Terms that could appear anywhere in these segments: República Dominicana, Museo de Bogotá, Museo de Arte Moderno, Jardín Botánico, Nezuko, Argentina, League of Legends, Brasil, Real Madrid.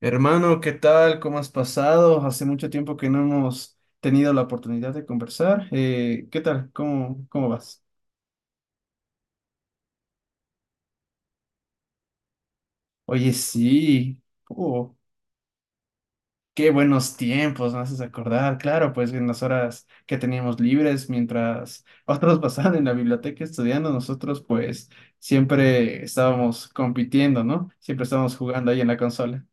Hermano, ¿qué tal? ¿Cómo has pasado? Hace mucho tiempo que no hemos tenido la oportunidad de conversar. ¿Qué tal? ¿Cómo vas? Oye, sí. Uh, Qué buenos tiempos, me haces acordar. Claro, pues en las horas que teníamos libres, mientras otros pasaban en la biblioteca estudiando, nosotros pues siempre estábamos compitiendo, ¿no? Siempre estábamos jugando ahí en la consola.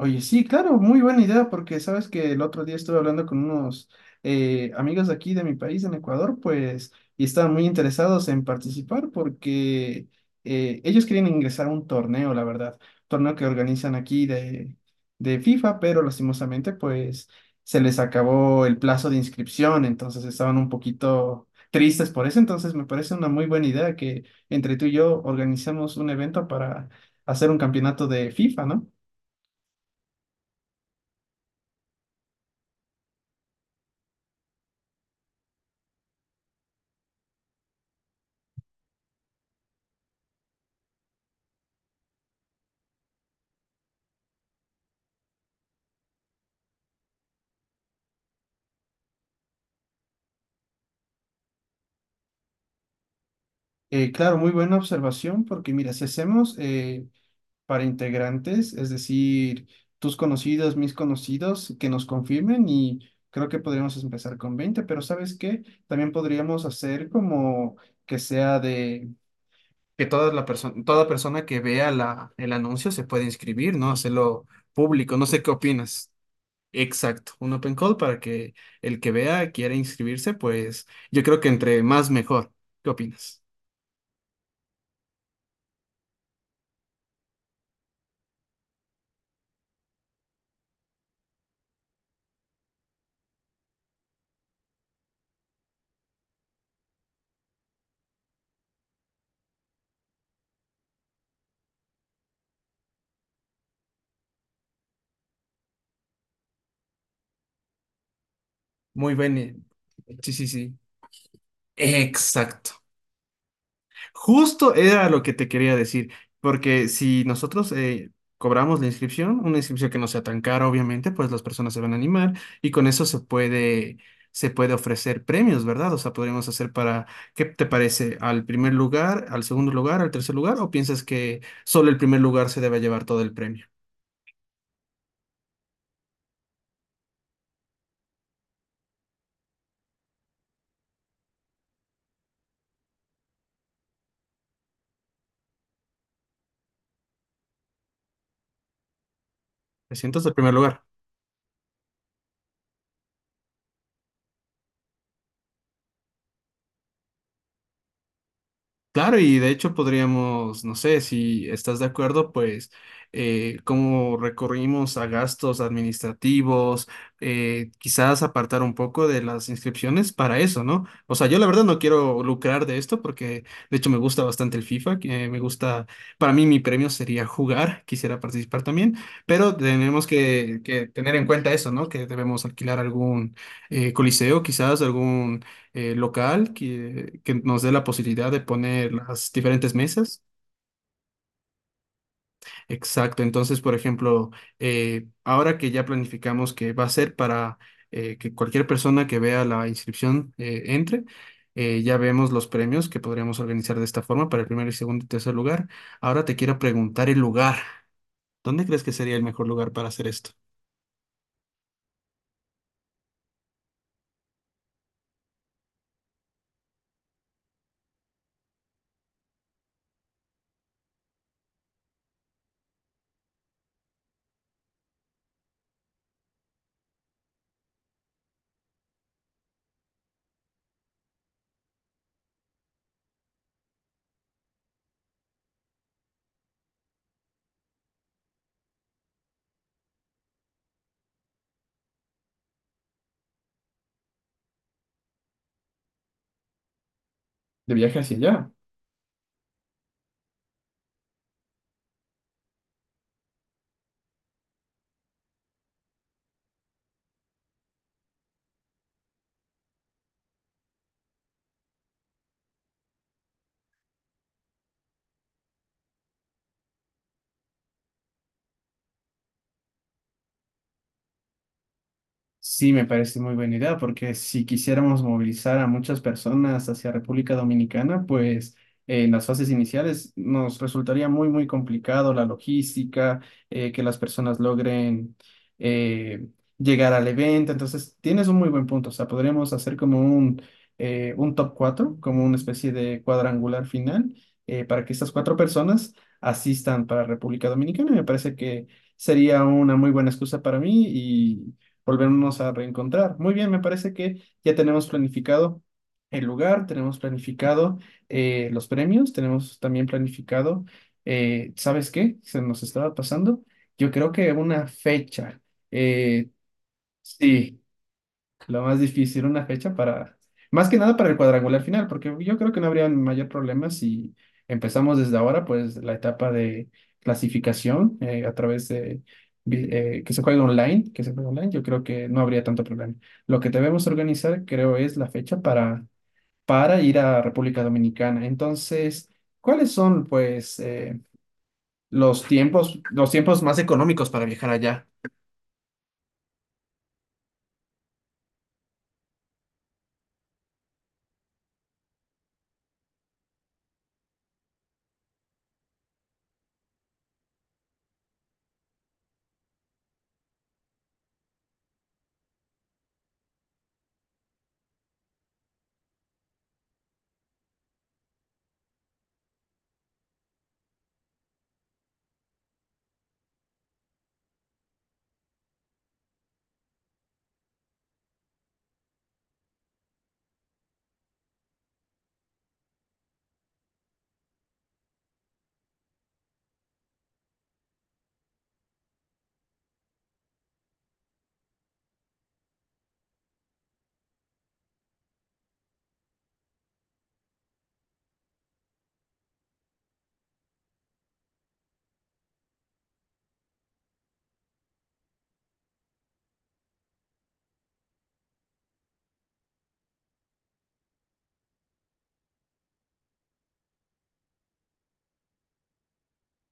Oye, sí, claro, muy buena idea, porque sabes que el otro día estuve hablando con unos amigos de aquí de mi país, en Ecuador, pues, y estaban muy interesados en participar porque ellos querían ingresar a un torneo, la verdad, torneo que organizan aquí de FIFA, pero lastimosamente, pues, se les acabó el plazo de inscripción, entonces estaban un poquito tristes por eso, entonces me parece una muy buena idea que entre tú y yo organizamos un evento para hacer un campeonato de FIFA, ¿no? Claro, muy buena observación, porque mira, si hacemos para integrantes, es decir, tus conocidos, mis conocidos, que nos confirmen y creo que podríamos empezar con 20 pero ¿sabes qué? También podríamos hacer como que sea de que toda la persona, toda persona que vea el anuncio se puede inscribir, ¿no? Hacerlo público, no sé qué opinas. Exacto, un open call para que el que vea quiera inscribirse, pues yo creo que entre más mejor. ¿Qué opinas? Muy bien. Sí, sí, sí. Exacto. Justo era lo que te quería decir, porque si nosotros cobramos la inscripción, una inscripción que no sea tan cara, obviamente, pues las personas se van a animar y con eso se puede ofrecer premios, ¿verdad? O sea, podríamos hacer para, ¿qué te parece? ¿Al primer lugar, al segundo lugar, al tercer lugar? ¿O piensas que solo el primer lugar se debe llevar todo el premio? ¿Te sientas el primer lugar? Claro, y de hecho podríamos, no sé, si estás de acuerdo, pues cómo recurrimos a gastos administrativos, quizás apartar un poco de las inscripciones para eso, ¿no? O sea, yo la verdad no quiero lucrar de esto porque de hecho me gusta bastante el FIFA, que me gusta, para mí mi premio sería jugar, quisiera participar también, pero tenemos que tener en cuenta eso, ¿no? Que debemos alquilar algún coliseo, quizás algún local que nos dé la posibilidad de poner las diferentes mesas. Exacto. Entonces, por ejemplo, ahora que ya planificamos que va a ser para que cualquier persona que vea la inscripción entre, ya vemos los premios que podríamos organizar de esta forma para el primer y segundo y tercer lugar. Ahora te quiero preguntar el lugar. ¿Dónde crees que sería el mejor lugar para hacer esto? De viaje hacia allá. Sí, me parece muy buena idea, porque si quisiéramos movilizar a muchas personas hacia República Dominicana, pues en las fases iniciales nos resultaría muy complicado la logística, que las personas logren eh, llegar al evento. Entonces, tienes un muy buen punto. O sea, podríamos hacer como un top 4 como una especie de cuadrangular final, para que estas cuatro personas asistan para República Dominicana. Y me parece que sería una muy buena excusa para mí y volvernos a reencontrar. Muy bien, me parece que ya tenemos planificado el lugar, tenemos planificado los premios, tenemos también planificado, ¿sabes qué? Se nos estaba pasando. Yo creo que una fecha. Eh, sí. Lo más difícil, una fecha para, más que nada para el cuadrangular final, porque yo creo que no habría mayor problema si empezamos desde ahora, pues la etapa de clasificación a través de que se juegue online, yo creo que no habría tanto problema. Lo que debemos organizar, creo, es la fecha para ir a República Dominicana. Entonces, ¿cuáles son, pues, los tiempos más económicos para viajar allá?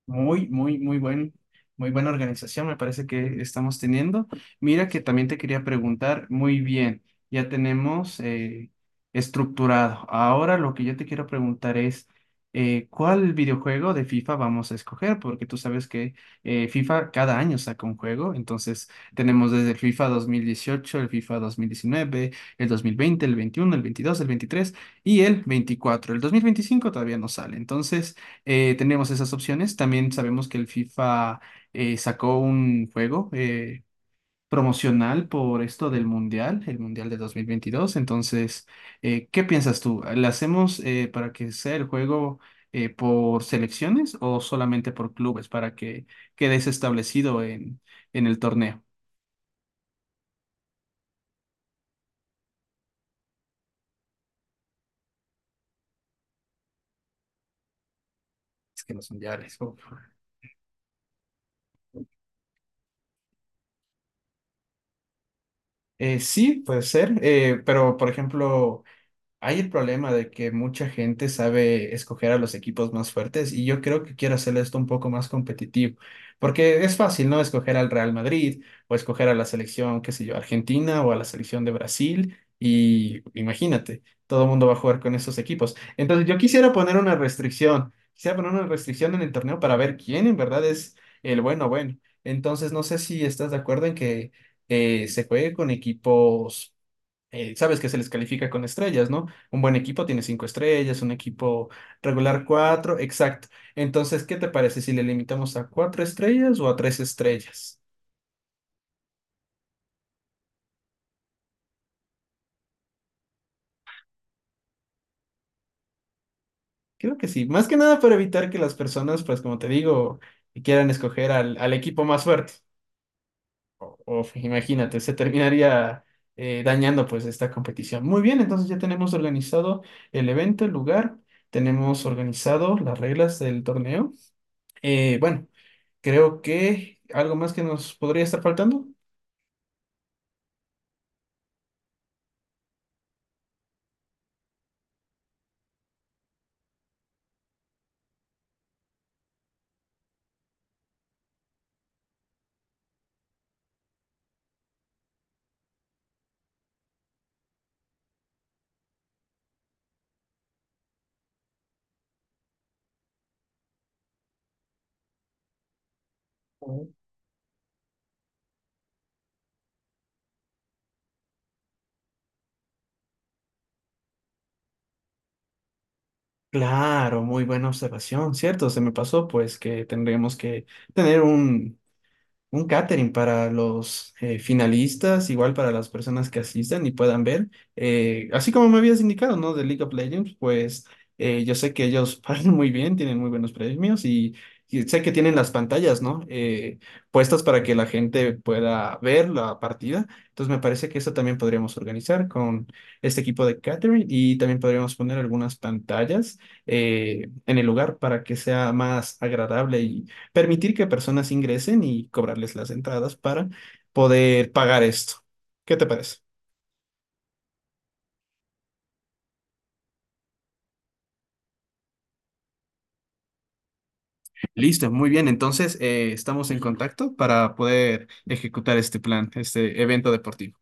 Muy, muy, muy buen, muy buena organización me parece que estamos teniendo. Mira que también te quería preguntar, muy bien, ya tenemos estructurado. Ahora lo que yo te quiero preguntar es, ¿cuál videojuego de FIFA vamos a escoger? Porque tú sabes que FIFA cada año saca un juego, entonces tenemos desde el FIFA 2018 el FIFA 2019 el 2020 el 21 el 22 el 23 y el 24. El 2025 todavía no sale, entonces tenemos esas opciones. También sabemos que el FIFA sacó un juego promocional por esto del Mundial, el Mundial de 2022. Entonces, ¿qué piensas tú? ¿La hacemos para que sea el juego por selecciones o solamente por clubes para que quede eso establecido en el torneo? Es que los mundiales. Uf. Sí, puede ser, pero por ejemplo... Hay el problema de que mucha gente sabe escoger a los equipos más fuertes y yo creo que quiero hacer esto un poco más competitivo, porque es fácil, ¿no? Escoger al Real Madrid o escoger a la selección, qué sé yo, Argentina o a la selección de Brasil y imagínate, todo el mundo va a jugar con esos equipos. Entonces yo quisiera poner una restricción, quisiera poner una restricción en el torneo para ver quién en verdad es el bueno bueno. Entonces no sé si estás de acuerdo en que se juegue con equipos sabes que se les califica con estrellas, ¿no? Un buen equipo tiene cinco estrellas, un equipo regular cuatro, exacto. Entonces, ¿qué te parece si le limitamos a cuatro estrellas o a tres estrellas? Creo que sí, más que nada para evitar que las personas, pues como te digo, quieran escoger al equipo más fuerte. Imagínate, se terminaría dañando pues esta competición. Muy bien, entonces ya tenemos organizado el evento, el lugar, tenemos organizado las reglas del torneo. Bueno. Creo que algo más que nos podría estar faltando. Ujú. Claro, muy buena observación, ¿cierto? Se me pasó pues que tendremos que tener un catering para los finalistas, igual para las personas que asistan y puedan ver. Así como me habías indicado, ¿no? De League of Legends, pues yo sé que ellos pagan muy bien, tienen muy buenos premios y sé que tienen las pantallas, ¿no? Puestas para que la gente pueda ver la partida. Entonces me parece que eso también podríamos organizar con este equipo de catering y también podríamos poner algunas pantallas en el lugar para que sea más agradable permitir que personas ingresen y cobrarles las entradas para poder pagar esto. ¿Qué te parece? Listo, muy bien. Entonces, estamos en contacto para poder ejecutar este plan, este evento deportivo.